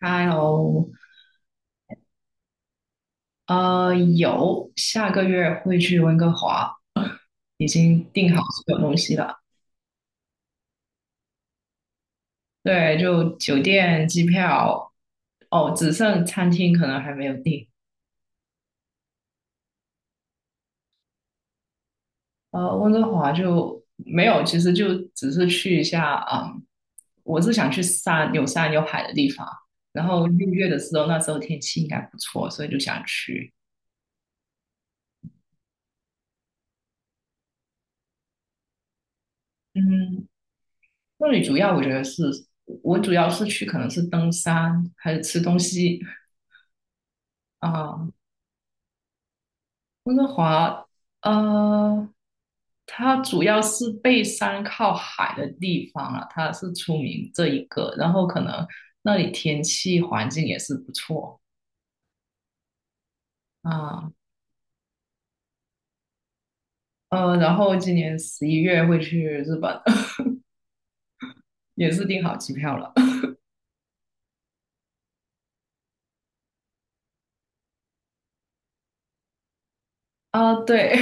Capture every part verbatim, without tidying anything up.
哈喽，呃，有下个月会去温哥华，已经订好所有东西了。对，就酒店、机票，哦，只剩餐厅可能还没有订。呃，温哥华就没有，其实就只是去一下，嗯，我是想去山有山有海的地方。然后六月的时候，那时候天气应该不错，所以就想去。嗯，那里主要我觉得是，我主要是去可能是登山还是吃东西。啊，温哥华，呃，它主要是背山靠海的地方啊，它是出名这一个，然后可能那里天气环境也是不错啊，呃，然后今年十一月会去日本，也是订好机票了啊，对，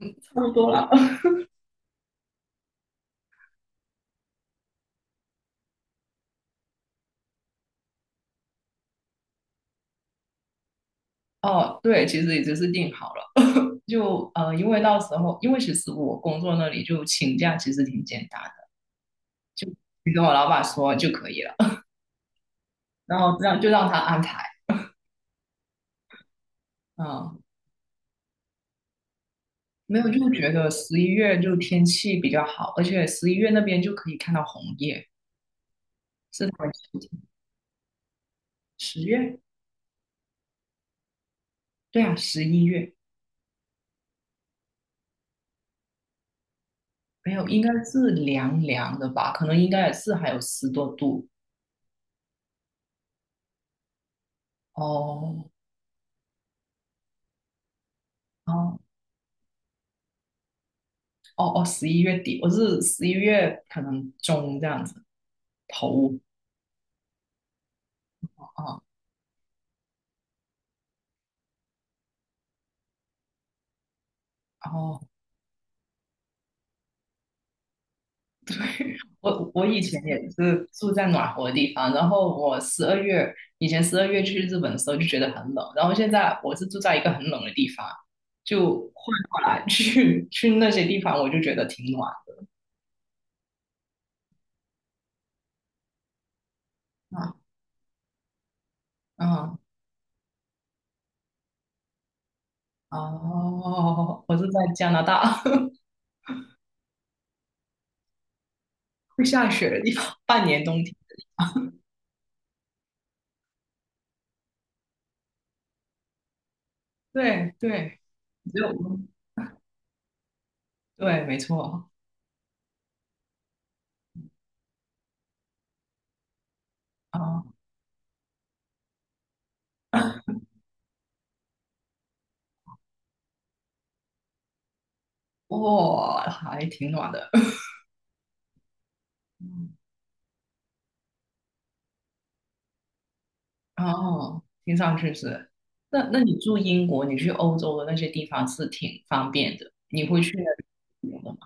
差不多了。哦，对，其实已经是订好了，就呃，因为到时候，因为其实我工作那里就请假其实挺简单的，就你跟我老板说就可以了。然后让就让他安排，嗯，没有就觉得十一月就天气比较好，而且十一月那边就可以看到红叶，是他们秋天十月？对啊，十一月没有，应该是凉凉的吧？可能应该也是还有十多度。哦哦哦哦，十一月底，我是十一月可能中这样子头啊，哦然后。我我以前也是住在暖和的地方，然后我十二月以前十二月去日本的时候就觉得很冷，然后现在我是住在一个很冷的地方，就换过来 去去那些地方，我就觉得挺暖。啊嗯哦，我是在加拿大 会下雪的地方，半年冬天。对对，只有对，没错啊，哇、还挺暖的。哦，听上去是。那那你住英国，你去欧洲的那些地方是挺方便的，你会去那游的吗？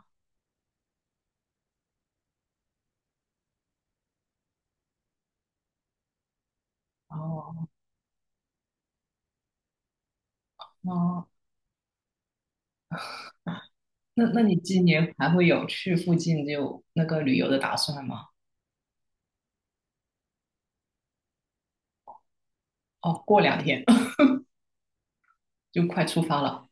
哦哦，那那你今年还会有去附近就那个旅游的打算吗？哦，过两天 就快出发了。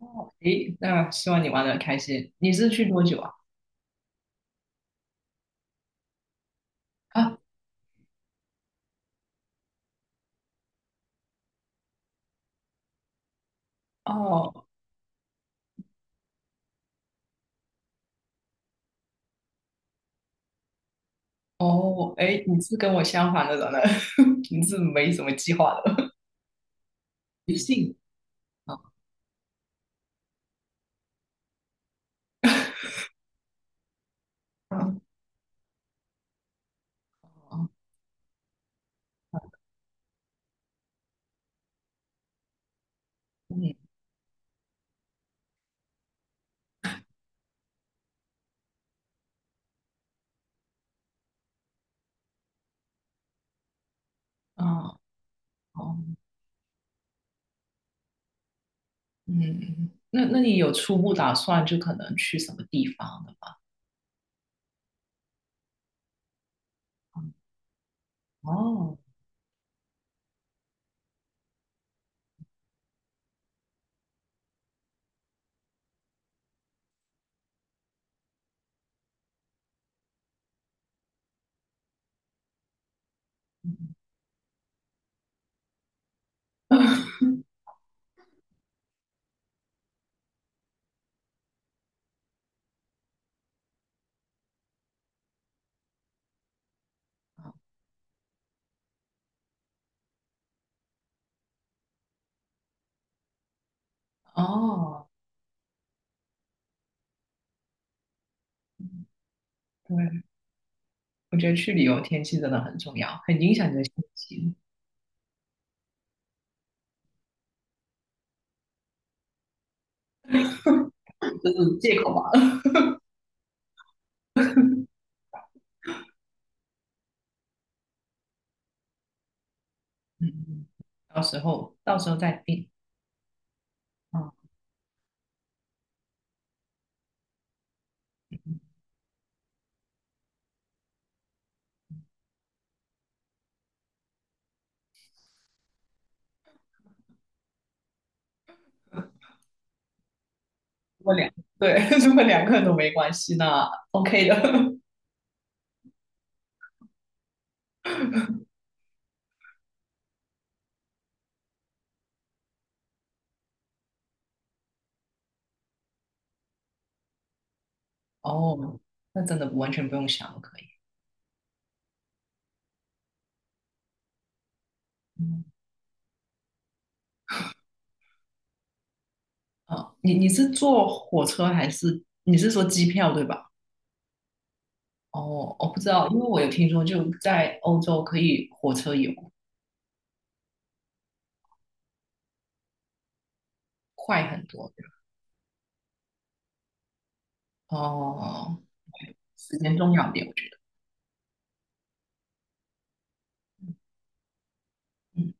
哦，诶，那希望你玩的开心。你是去多久啊？啊，哦哦，诶，你是跟我相反的人呢，你是没什么计划的，随性啊啊哦，嗯啊哦。哦嗯，那那你有初步打算就可能去什么地方的吗？哦，哦，对，我觉得去旅游天气真的很重要，很影响你的心情，这是借口吧？嗯，到时候到时候再定。啊。如果两对，如果两个人都没关系，那 OK 的。哦，那真的完全不用想都可以。嗯，好，你你是坐火车还是你是说机票对吧？哦，我不知道，因为我有听说，就在欧洲可以火车游快很多。哦，时间重要一点，我觉得。嗯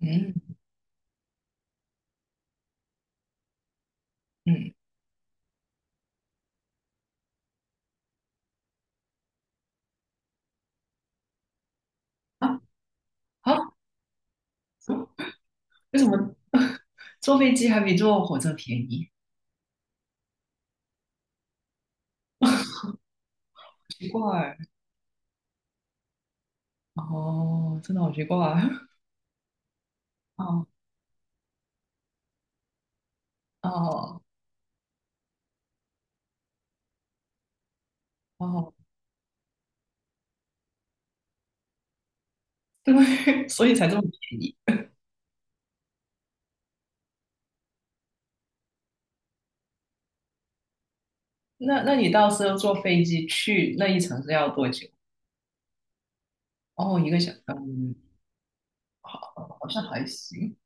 嗯嗯，啊啊，为什么坐飞机还比坐火车便宜？奇怪。哦，真的好奇怪。哦哦哦，对，所以才这么便宜。那那你到时候坐飞机去那一程是要多久？哦，一个小，嗯，好像还行。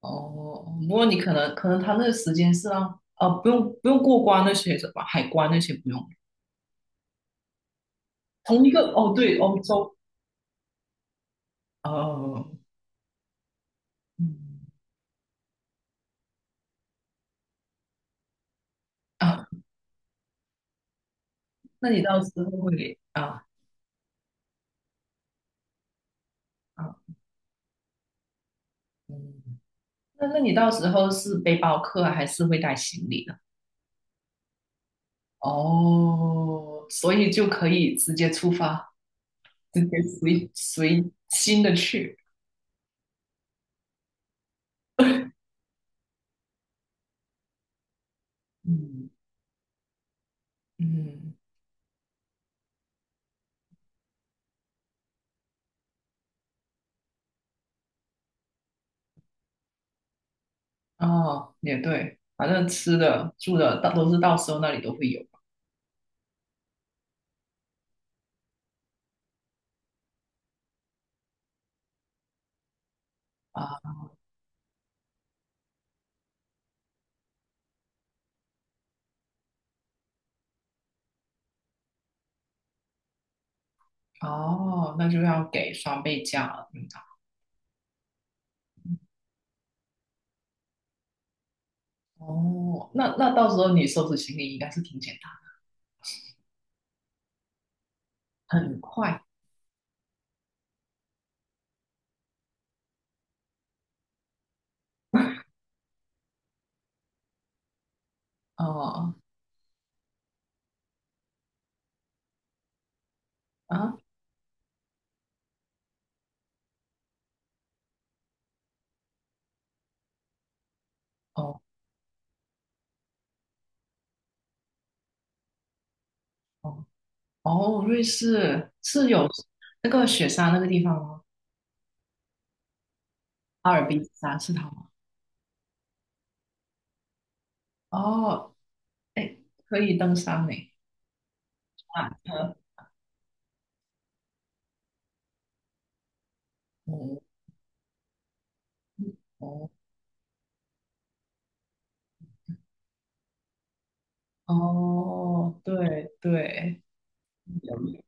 哦，哦不过你可能可能他那个时间是让啊，呃不用不用过关那些什么海关那些不用，同一个哦对欧洲哦嗯啊，那你到时候会啊啊嗯，那那你到时候是背包客啊还是会带行李的？哦，所以就可以直接出发，直接随随心的去，嗯嗯哦也对，反正吃的住的到都是到时候那里都会有。啊。哦，那就要给双倍价了，应哦，那那到时候你收拾行李应该是挺简单，很快。哦啊，哦哦哦，瑞士是有那个雪山那个地方吗？阿尔卑斯山是它吗？哦，哎，可以登山呢。啊，呃哦哦哦，对对，有有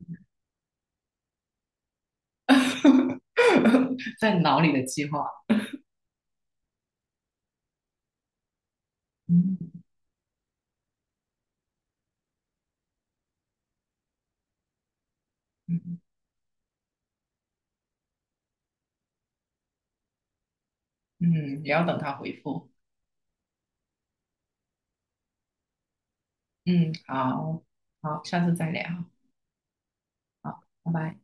在脑里的计划。嗯嗯嗯，也要等他回复。嗯，好，好，下次再聊，好，拜拜。